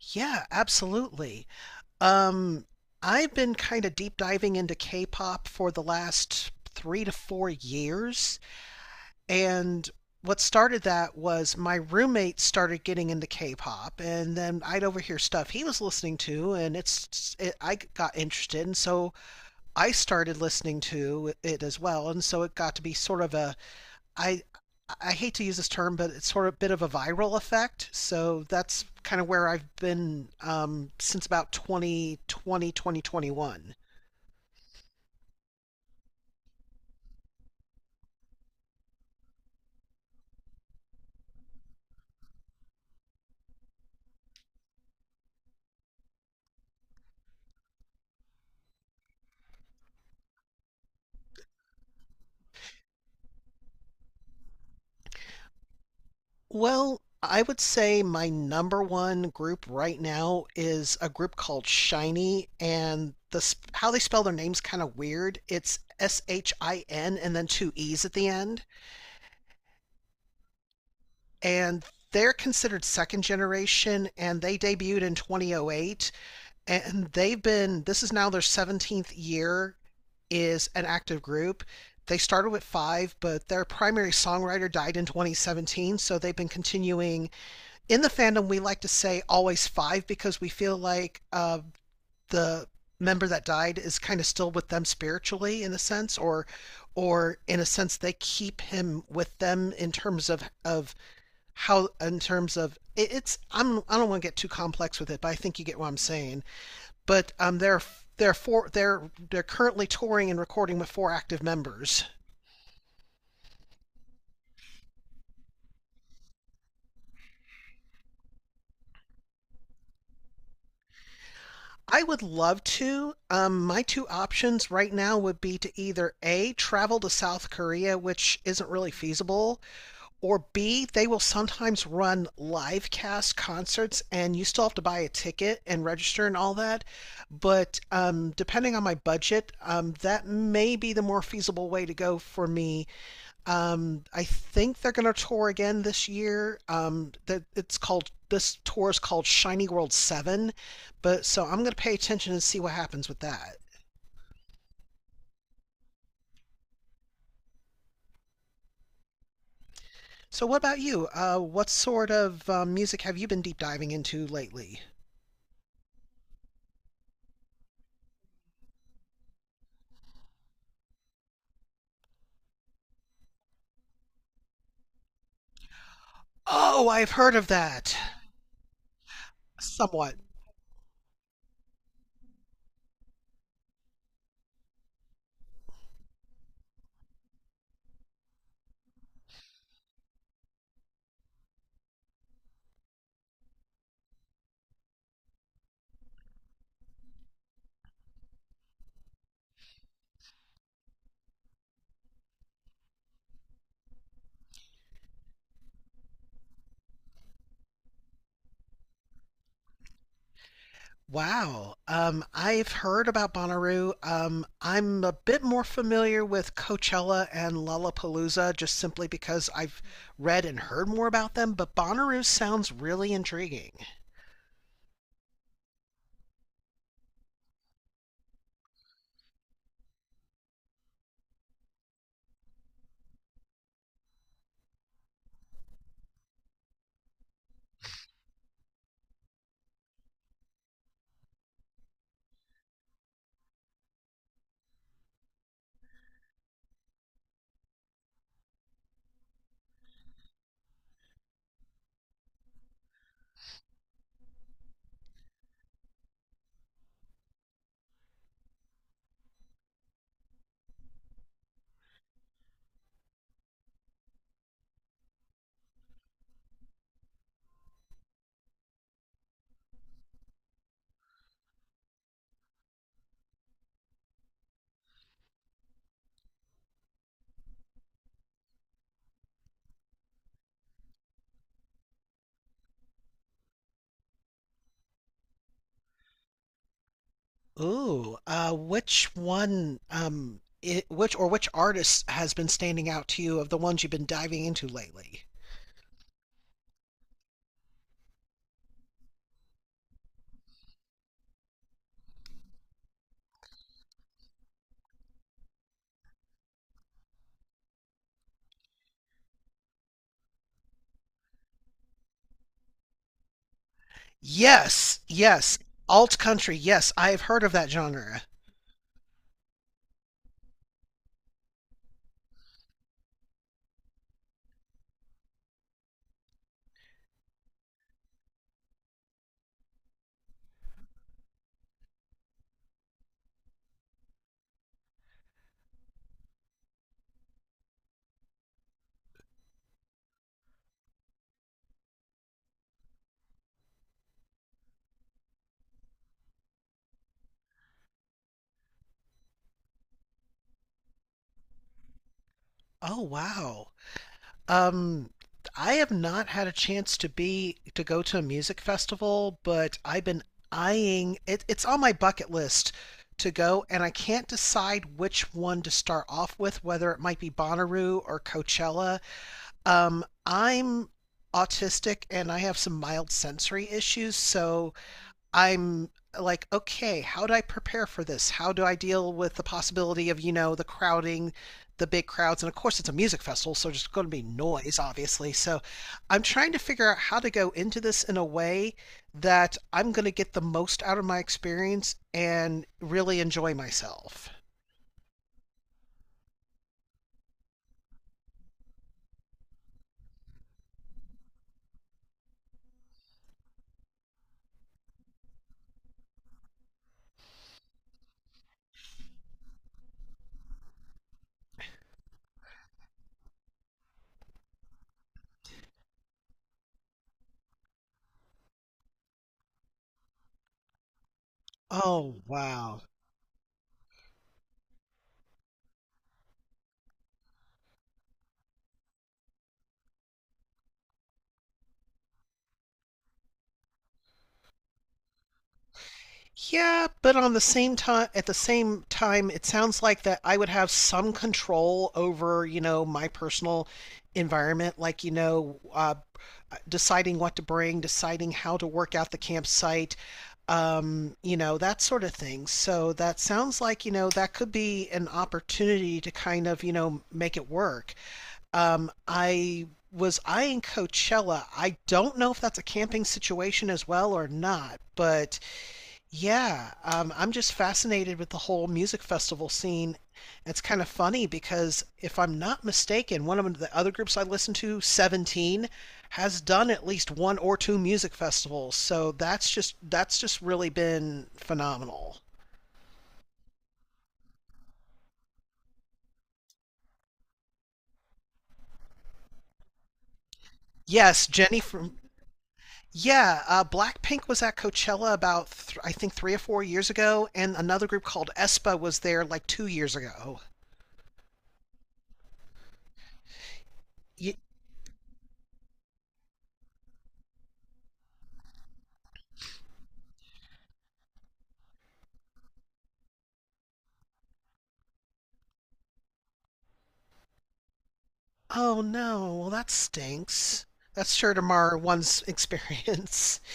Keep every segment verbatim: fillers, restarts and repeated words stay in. Yeah, absolutely. Um, I've been kind of deep diving into K-pop for the last three to four years, and what started that was my roommate started getting into K-pop, and then I'd overhear stuff he was listening to, and it's it, I got interested, and so I started listening to it as well, and so it got to be sort of a— I I hate to use this term, but it's sort of a bit of a viral effect. So that's kind of where I've been um, since about twenty twenty, twenty twenty one. Well, I would say my number one group right now is a group called Shiny, and the sp- how they spell their name's kind of weird. It's S H I N and then two E's at the end, and they're considered second generation, and they debuted in twenty oh eight, and they've been this is now their seventeenth year is an active group. They started with five, but their primary songwriter died in twenty seventeen, so they've been continuing. In the fandom we like to say always five, because we feel like uh, the member that died is kind of still with them spiritually in a sense, or or in a sense they keep him with them in terms of of how— in terms of it, it's I'm I don't want to get too complex with it, but I think you get what I'm saying. But um, they're they're four they're they're currently touring and recording with four active members. I would love to. Um, my two options right now would be to either A, travel to South Korea, which isn't really feasible, or B, they will sometimes run live cast concerts and you still have to buy a ticket and register and all that. But um, depending on my budget, um, that may be the more feasible way to go for me. Um, I think they're going to tour again this year. Um, that it's called This tour is called Shiny World Seven, but so I'm going to pay attention and see what happens with that. So, what about you? Uh, what sort of um, music have you been deep diving into lately? Oh, I've heard of that somewhat. Wow. Um, I've heard about Bonnaroo. Um, I'm a bit more familiar with Coachella and Lollapalooza, just simply because I've read and heard more about them, but Bonnaroo sounds really intriguing. Ooh, uh, which one, um, it, which or which artist has been standing out to you of the ones you've been diving into lately? Yes, yes, alt country. Yes, I have heard of that genre. Oh, wow. Um, I have not had a chance to be to go to a music festival, but I've been eyeing it. It's on my bucket list to go, and I can't decide which one to start off with, whether it might be Bonnaroo or Coachella. Um, I'm autistic, and I have some mild sensory issues, so I'm like, okay, how do I prepare for this? How do I deal with the possibility of, you know, the crowding, the big crowds? And of course, it's a music festival, so there's going to be noise, obviously. So I'm trying to figure out how to go into this in a way that I'm going to get the most out of my experience and really enjoy myself. Oh, wow. Yeah, but on the same time, at the same time, it sounds like that I would have some control over, you know, my personal environment, like, you know, uh, deciding what to bring, deciding how to work out the campsite, um, you know, that sort of thing. So that sounds like, you know, that could be an opportunity to kind of, you know, make it work. Um, I was eyeing Coachella. I don't know if that's a camping situation as well or not, but yeah, um, I'm just fascinated with the whole music festival scene. It's kind of funny, because if I'm not mistaken, one of the other groups I listen to, seventeen, has done at least one or two music festivals. So that's just that's just really been phenomenal. Yes, Jenny from— yeah, uh, Blackpink was at Coachella about th I think three or four years ago, and another group called Espa was there like two years ago. Oh no, well that stinks. That's sure to mar one's experience.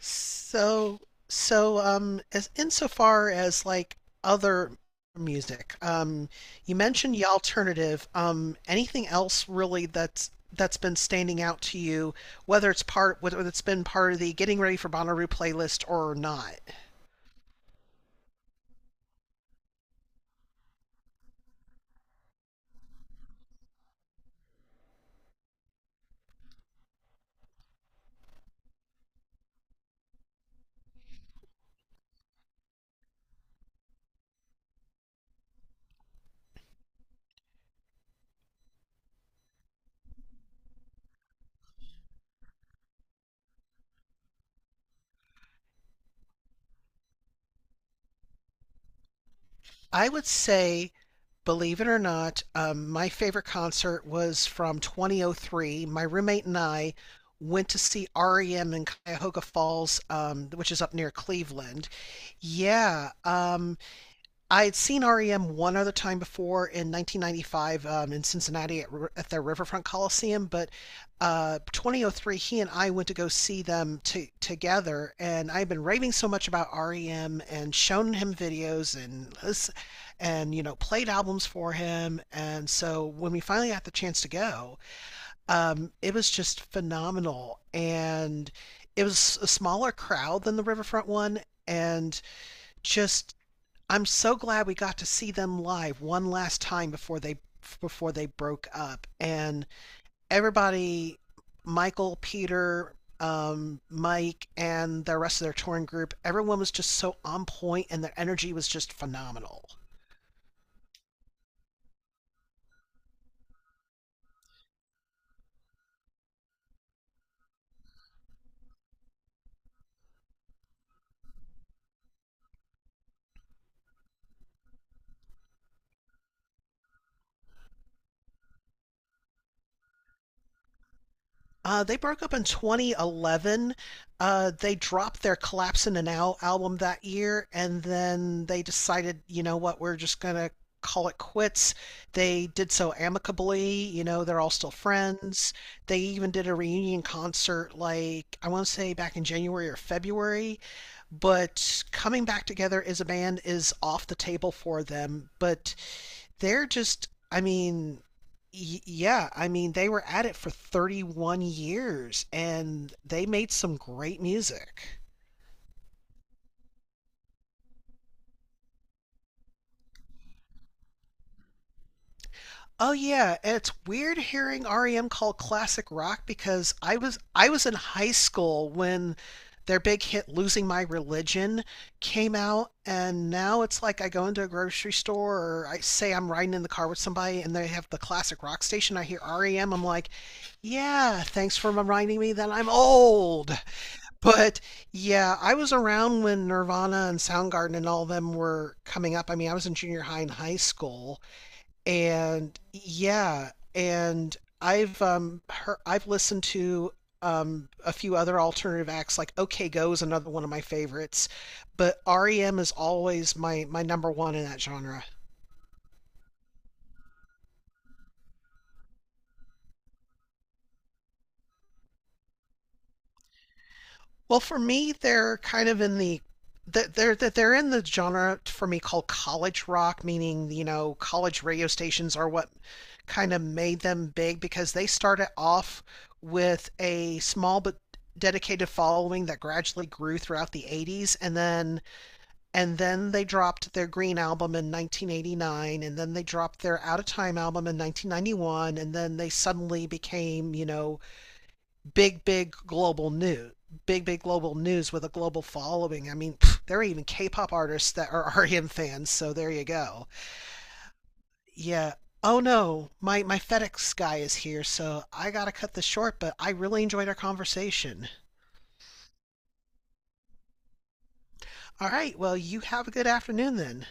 So so um as insofar as like other music, um you mentioned the alternative. Um anything else really that's that's been standing out to you, whether it's part whether it's been part of the Getting Ready for Bonnaroo playlist or not? I would say, believe it or not, um, my favorite concert was from twenty oh three. My roommate and I went to see R E M in Cuyahoga Falls, um, which is up near Cleveland. Yeah. Um, I had seen R E M one other time before, in nineteen ninety-five, um, in Cincinnati at— r- at their Riverfront Coliseum, but uh, two thousand three, he and I went to go see them to, together, and I've been raving so much about R E M and shown him videos, and and you know, played albums for him, and so when we finally got the chance to go, um, it was just phenomenal, and it was a smaller crowd than the Riverfront one, and just, I'm so glad we got to see them live one last time before they before they broke up. And everybody— Michael, Peter, um, Mike, and the rest of their touring group— everyone was just so on point, and their energy was just phenomenal. Uh, they broke up in twenty eleven. Uh, they dropped their Collapse in an Owl album that year, and then they decided, you know what, we're just going to call it quits. They did so amicably, you know, they're all still friends. They even did a reunion concert, like, I want to say back in January or February, but coming back together as a band is off the table for them. But they're just, I mean, y- yeah, I mean, they were at it for thirty-one years, and they made some great music. Oh yeah, and it's weird hearing R E M called classic rock, because I was I was in high school when their big hit Losing My Religion came out, and now it's like I go into a grocery store, or I say I'm riding in the car with somebody and they have the classic rock station, I hear R E M, I'm like, "Yeah, thanks for reminding me that I'm old." But yeah, I was around when Nirvana and Soundgarden and all of them were coming up. I mean, I was in junior high and high school, and yeah, and I've um her, I've listened to um a few other alternative acts, like OK Go is another one of my favorites, but R E M is always my my number one in that genre. Well, for me, they're kind of in the— they're they're they're in the genre for me called college rock, meaning, you know, college radio stations are what kind of made them big, because they started off with a small but dedicated following that gradually grew throughout the eighties, and then and then they dropped their Green album in nineteen eighty-nine, and then they dropped their Out of Time album in nineteen ninety-one, and then they suddenly became, you know, big, big global news, big, big global news with a global following. I mean, pff, there are even K-pop artists that are R M fans, so there you go. Yeah. Oh no, my my FedEx guy is here, so I gotta cut this short. But I really enjoyed our conversation. All right. Well, you have a good afternoon then.